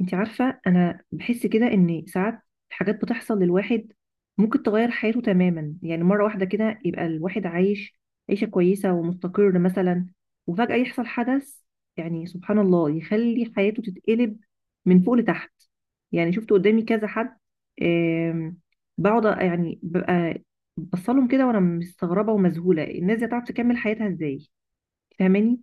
انت عارفة انا بحس كده ان ساعات حاجات بتحصل للواحد ممكن تغير حياته تماما. يعني مرة واحدة كده يبقى الواحد عايش عيشة كويسة ومستقر مثلا، وفجأة يحصل حدث. يعني سبحان الله يخلي حياته تتقلب من فوق لتحت. يعني شفت قدامي كذا حد. آم، بقعد يعني ببقى بصلهم كده وانا مستغربة ومذهولة. الناس دي هتعرف تكمل حياتها ازاي؟ فاهماني؟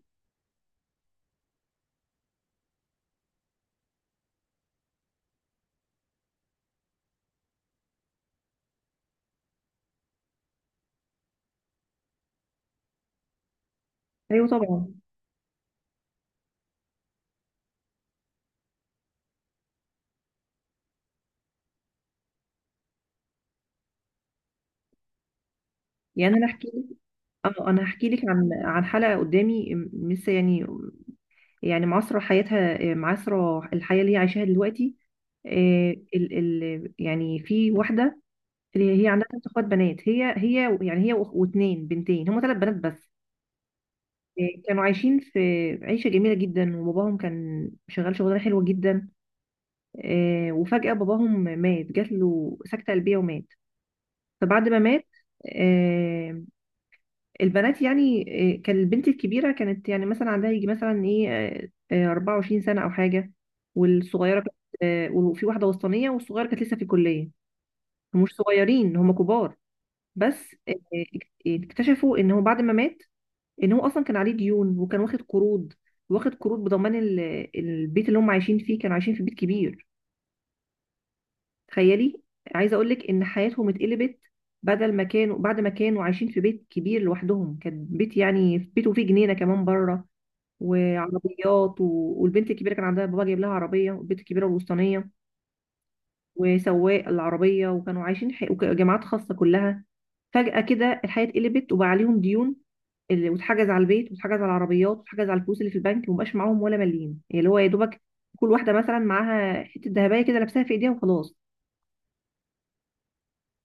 ايوه طبعا. يعني انا احكي. اه، انا هحكي لك عن حلقه قدامي لسه. يعني يعني معاصره حياتها، معاصره الحياه اللي هي عايشاها دلوقتي. آه، ال ال يعني في واحده اللي هي عندها ثلاث اخوات بنات. هي يعني هي واتنين بنتين، هم ثلاث بنات بس. كانوا عايشين في عيشه جميله جدا، وباباهم كان شغال شغلانه حلوه جدا. وفجاه باباهم مات، جات له سكته قلبيه ومات. فبعد ما مات آه، البنات يعني كان البنت الكبيرة كانت يعني مثلا عندها يجي مثلا ايه، 24 سنة أو حاجة. والصغيرة كانت وفي واحدة وسطانية، والصغيرة كانت لسه في الكلية. هم مش صغيرين، هم كبار، بس اكتشفوا ان هو بعد ما مات، ان هو اصلا كان عليه ديون وكان واخد قروض. واخد قروض بضمان البيت اللي هم عايشين فيه. كانوا عايشين في بيت كبير، تخيلي. عايزة اقول لك ان حياتهم اتقلبت. بدل ما كانوا بعد ما كانوا عايشين في بيت كبير لوحدهم، كان بيت، يعني بيته فيه جنينة كمان بره وعربيات والبنت الكبيره كان عندها بابا جايب لها عربيه، والبنت الكبيره الوسطانيه وسواق العربيه، وكانوا عايشين جامعات خاصه كلها. فجاه كده الحياه اتقلبت، وبقى عليهم ديون اللي واتحجز على البيت، واتحجز على العربيات، واتحجز على الفلوس اللي في البنك، ومبقاش معاهم ولا مليم. يعني اللي هو يا دوبك كل واحده مثلا معاها حته ذهبيه كده لابساها في ايديها، وخلاص.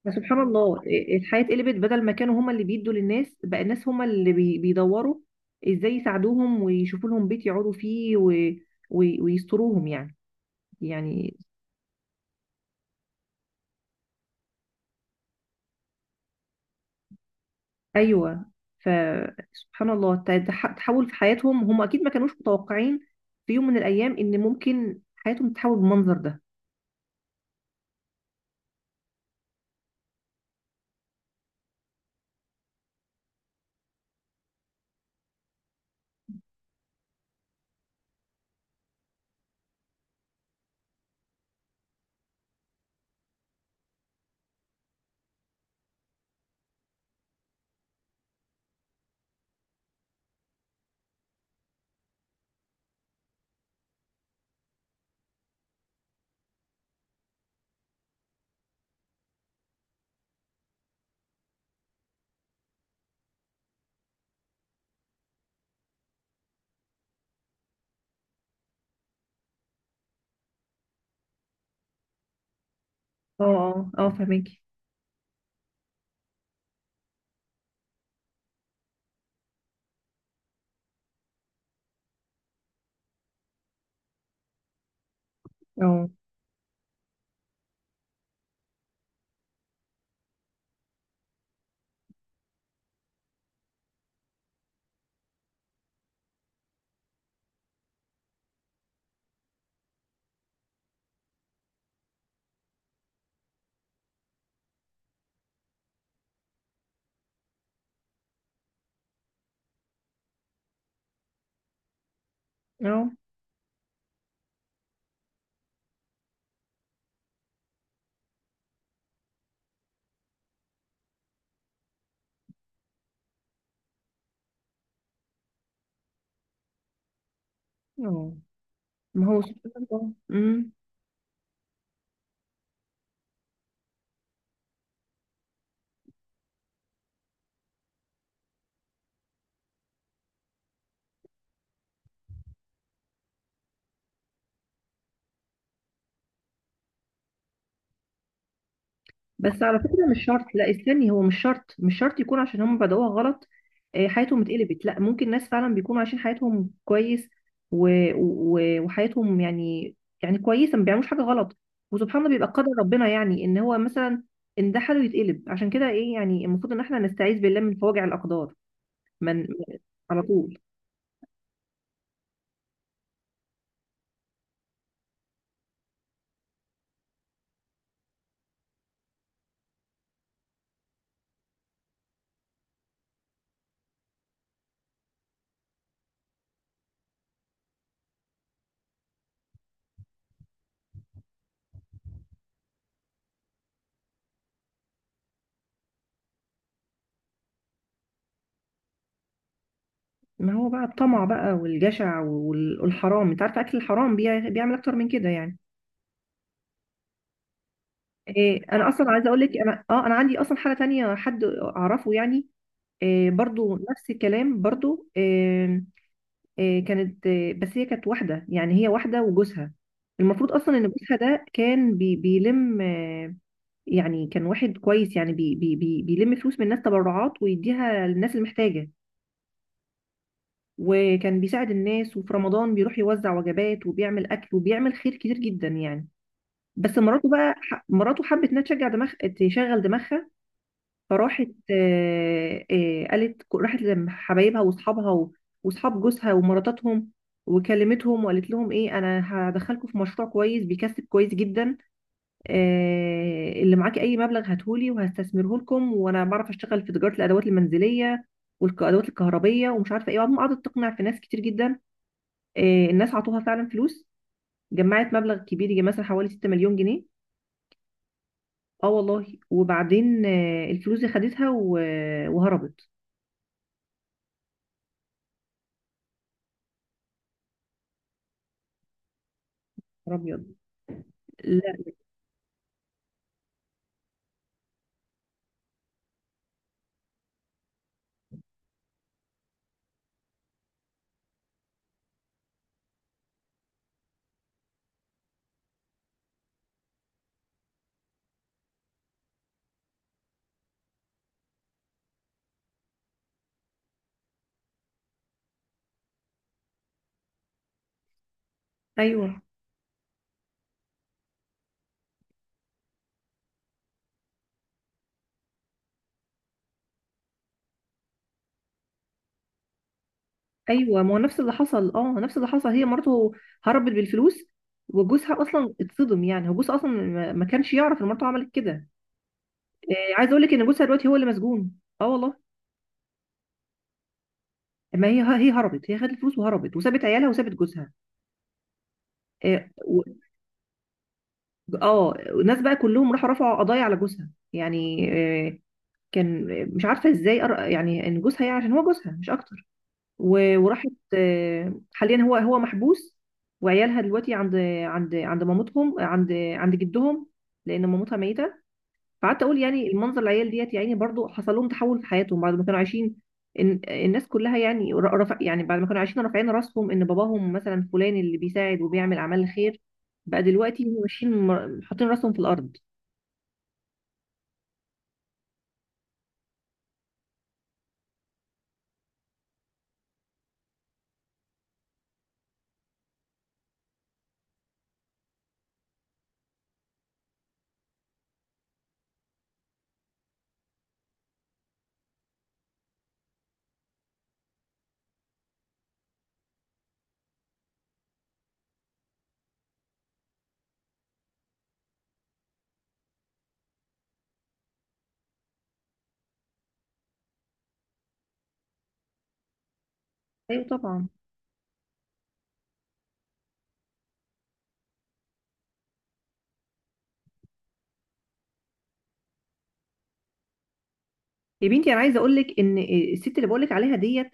فسبحان الله الحياة اتقلبت. بدل ما كانوا هما اللي بيدوا للناس، بقى الناس هما اللي بيدوروا ازاي يساعدوهم ويشوفوا لهم بيت يقعدوا فيه ويستروهم يعني. يعني ايوه. فسبحان الله التحول في حياتهم هم اكيد ما كانوش متوقعين في يوم من الايام ان ممكن حياتهم تتحول بالمنظر ده. اه، اه، اه، فهماكي. اه، اه، اه. ما هو سبحان الله. مم. بس على فكرة مش شرط. لا، استني، هو مش شرط، مش شرط يكون عشان هم بدأوها غلط حياتهم اتقلبت. لا، ممكن ناس فعلا بيكونوا عايشين حياتهم كويس و... و... وحياتهم يعني كويسة، ما بيعملوش حاجة غلط، وسبحان الله بيبقى قدر ربنا. يعني ان هو مثلا ان ده حاله يتقلب. عشان كده ايه، يعني المفروض ان احنا نستعيذ بالله من فواجع الأقدار من على طول. ما هو بقى الطمع بقى، والجشع، والحرام. انت عارفة اكل الحرام بيعمل اكتر من كده يعني. إيه، انا اصلا عايزه اقول لك، انا عندي اصلا حاله تانية حد اعرفه يعني. إيه برضو نفس الكلام برضو، إيه، إيه كانت إيه، بس هي كانت واحده. يعني هي واحده وجوزها. المفروض اصلا ان جوزها ده كان بيلم يعني كان واحد كويس. يعني بي بي بي بيلم فلوس من الناس تبرعات ويديها للناس المحتاجه، وكان بيساعد الناس، وفي رمضان بيروح يوزع وجبات، وبيعمل اكل، وبيعمل خير كتير جدا يعني. بس مراته بقى، مراته حبت انها تشجع دماغ تشغل دماغها. فراحت، قالت، راحت لحبايبها واصحابها واصحاب جوزها ومراتاتهم، وكلمتهم، وقالت لهم انا هدخلكم في مشروع كويس بيكسب كويس جدا. اللي معاكي اي مبلغ هاتهولي وهستثمره لكم، وانا بعرف اشتغل في تجاره الادوات المنزليه والادوات الكهربيه ومش عارفه ايه. وبعدين قعدت تقنع في ناس كتير جدا. الناس عطوها فعلا فلوس. جمعت مبلغ كبير، يجي مثلا حوالي 6 مليون جنيه. اه والله. وبعدين الفلوس دي خدتها وهربت. ربي. لا. ايوه، ايوه، ما هو نفس اللي حصل. اه، نفس اللي حصل. هي مرته هربت بالفلوس، وجوزها اصلا اتصدم. يعني هو جوزها اصلا ما كانش يعرف ان مرته عملت كده. عايز اقول لك ان جوزها دلوقتي هو اللي مسجون. اه والله. ما هي هربت، هي خدت الفلوس وهربت، وسابت عيالها وسابت جوزها. اه الناس بقى كلهم راحوا رفعوا قضايا على جوزها يعني. آه كان، مش عارفه ازاي، يعني ان جوزها، يعني عشان هو جوزها مش اكتر. وراحت حاليا هو محبوس. وعيالها دلوقتي عند مامتهم، عند جدهم، لان مامتها ميته. فقعدت اقول يعني المنظر، العيال ديت يعني برضو حصل لهم تحول في حياتهم. بعد ما كانوا عايشين إن الناس كلها يعني، رفع، يعني بعد ما كانوا عايشين رافعين راسهم ان باباهم مثلا فلان اللي بيساعد وبيعمل اعمال الخير، بقى دلوقتي هم ماشيين حاطين راسهم في الارض. ايوه طبعا. يا بنتي انا عايزه اقول لك ان الست اللي بقول لك عليها ديت،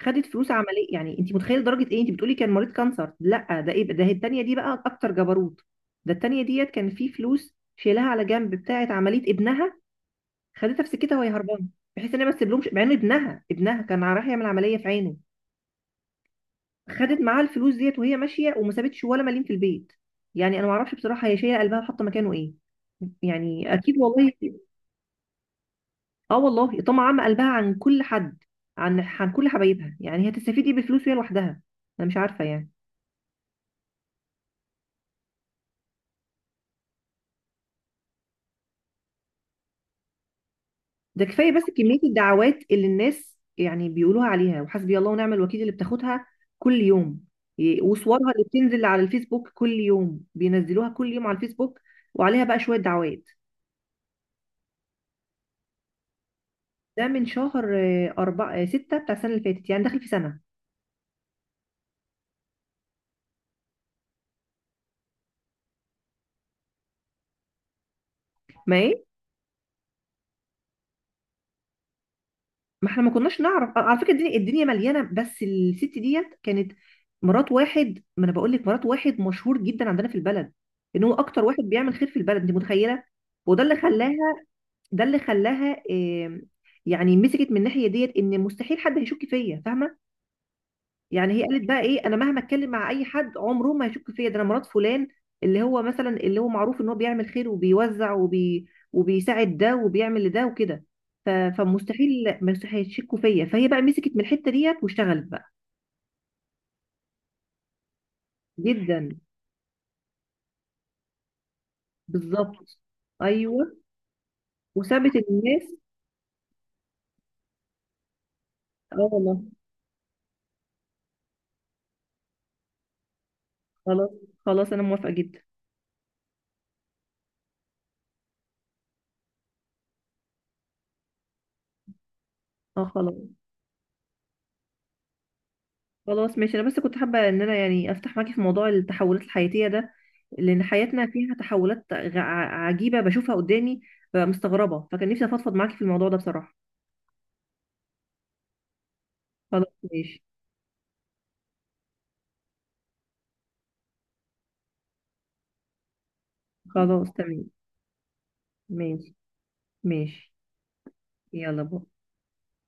خدت فلوس عمليه. يعني انت متخيله درجه ايه؟ انت بتقولي كان مريض كانسر، لا ده ايه بقى؟ ده التانيه دي بقى اكتر جبروت. ده التانيه ديت كان في فلوس شيلها على جنب بتاعه عمليه ابنها، خدتها في سكتها وهي هربانه، بحيث ان هي ما تسيبلهمش، مع ان ابنها كان رايح يعمل عمليه في عينه. خدت معاها الفلوس ديت وهي ماشيه، وما سابتش ولا مليم في البيت. يعني انا ما اعرفش بصراحه هي شايله قلبها وحاطه مكانه ايه. يعني اكيد والله. اه والله، طمع عامه قلبها عن كل حد، عن كل حبايبها. يعني هتستفيد ايه بالفلوس وهي لوحدها؟ انا مش عارفه يعني. ده كفايه بس كميه الدعوات اللي الناس يعني بيقولوها عليها، وحسبي الله ونعم الوكيل اللي بتاخدها كل يوم. وصورها اللي بتنزل على الفيسبوك كل يوم، بينزلوها كل يوم على الفيسبوك، وعليها بقى شويه دعوات. ده من شهر أربعة ستة بتاع السنة اللي فاتت، يعني داخل في سنة. ما ايه. ما احنا ما كناش نعرف. على فكرة الدنيا الدنيا مليانة. بس الست ديت كانت مرات واحد، ما انا بقول لك مرات واحد مشهور جدا عندنا في البلد، ان هو اكتر واحد بيعمل خير في البلد، انت متخيلة. وده اللي خلاها، ده اللي خلاها يعني مسكت من الناحيه ديت ان مستحيل حد هيشك فيا، فاهمه. يعني هي قالت بقى ايه، انا مهما اتكلم مع اي حد عمره ما هيشك فيا، ده انا مرات فلان اللي هو مثلا، اللي هو معروف ان هو بيعمل خير وبيوزع وبيساعد ده وبيعمل لده وكده. فمستحيل، مستحيل يشكوا فيا. فهي بقى مسكت من الحته ديت واشتغلت بقى. جدا. بالظبط. ايوه. وسابت الناس. اه والله. خلاص، خلاص انا موافقه جدا. اه، خلاص، خلاص ماشي. انا بس كنت حابه ان انا يعني افتح معاكي في موضوع التحولات الحياتيه ده، لان حياتنا فيها تحولات عجيبه بشوفها قدامي. ببقى مستغربه، فكان نفسي افضفض معاكي في الموضوع ده بصراحه. خلاص ماشي. خلاص تمام. ماشي، ماشي. يلا باي.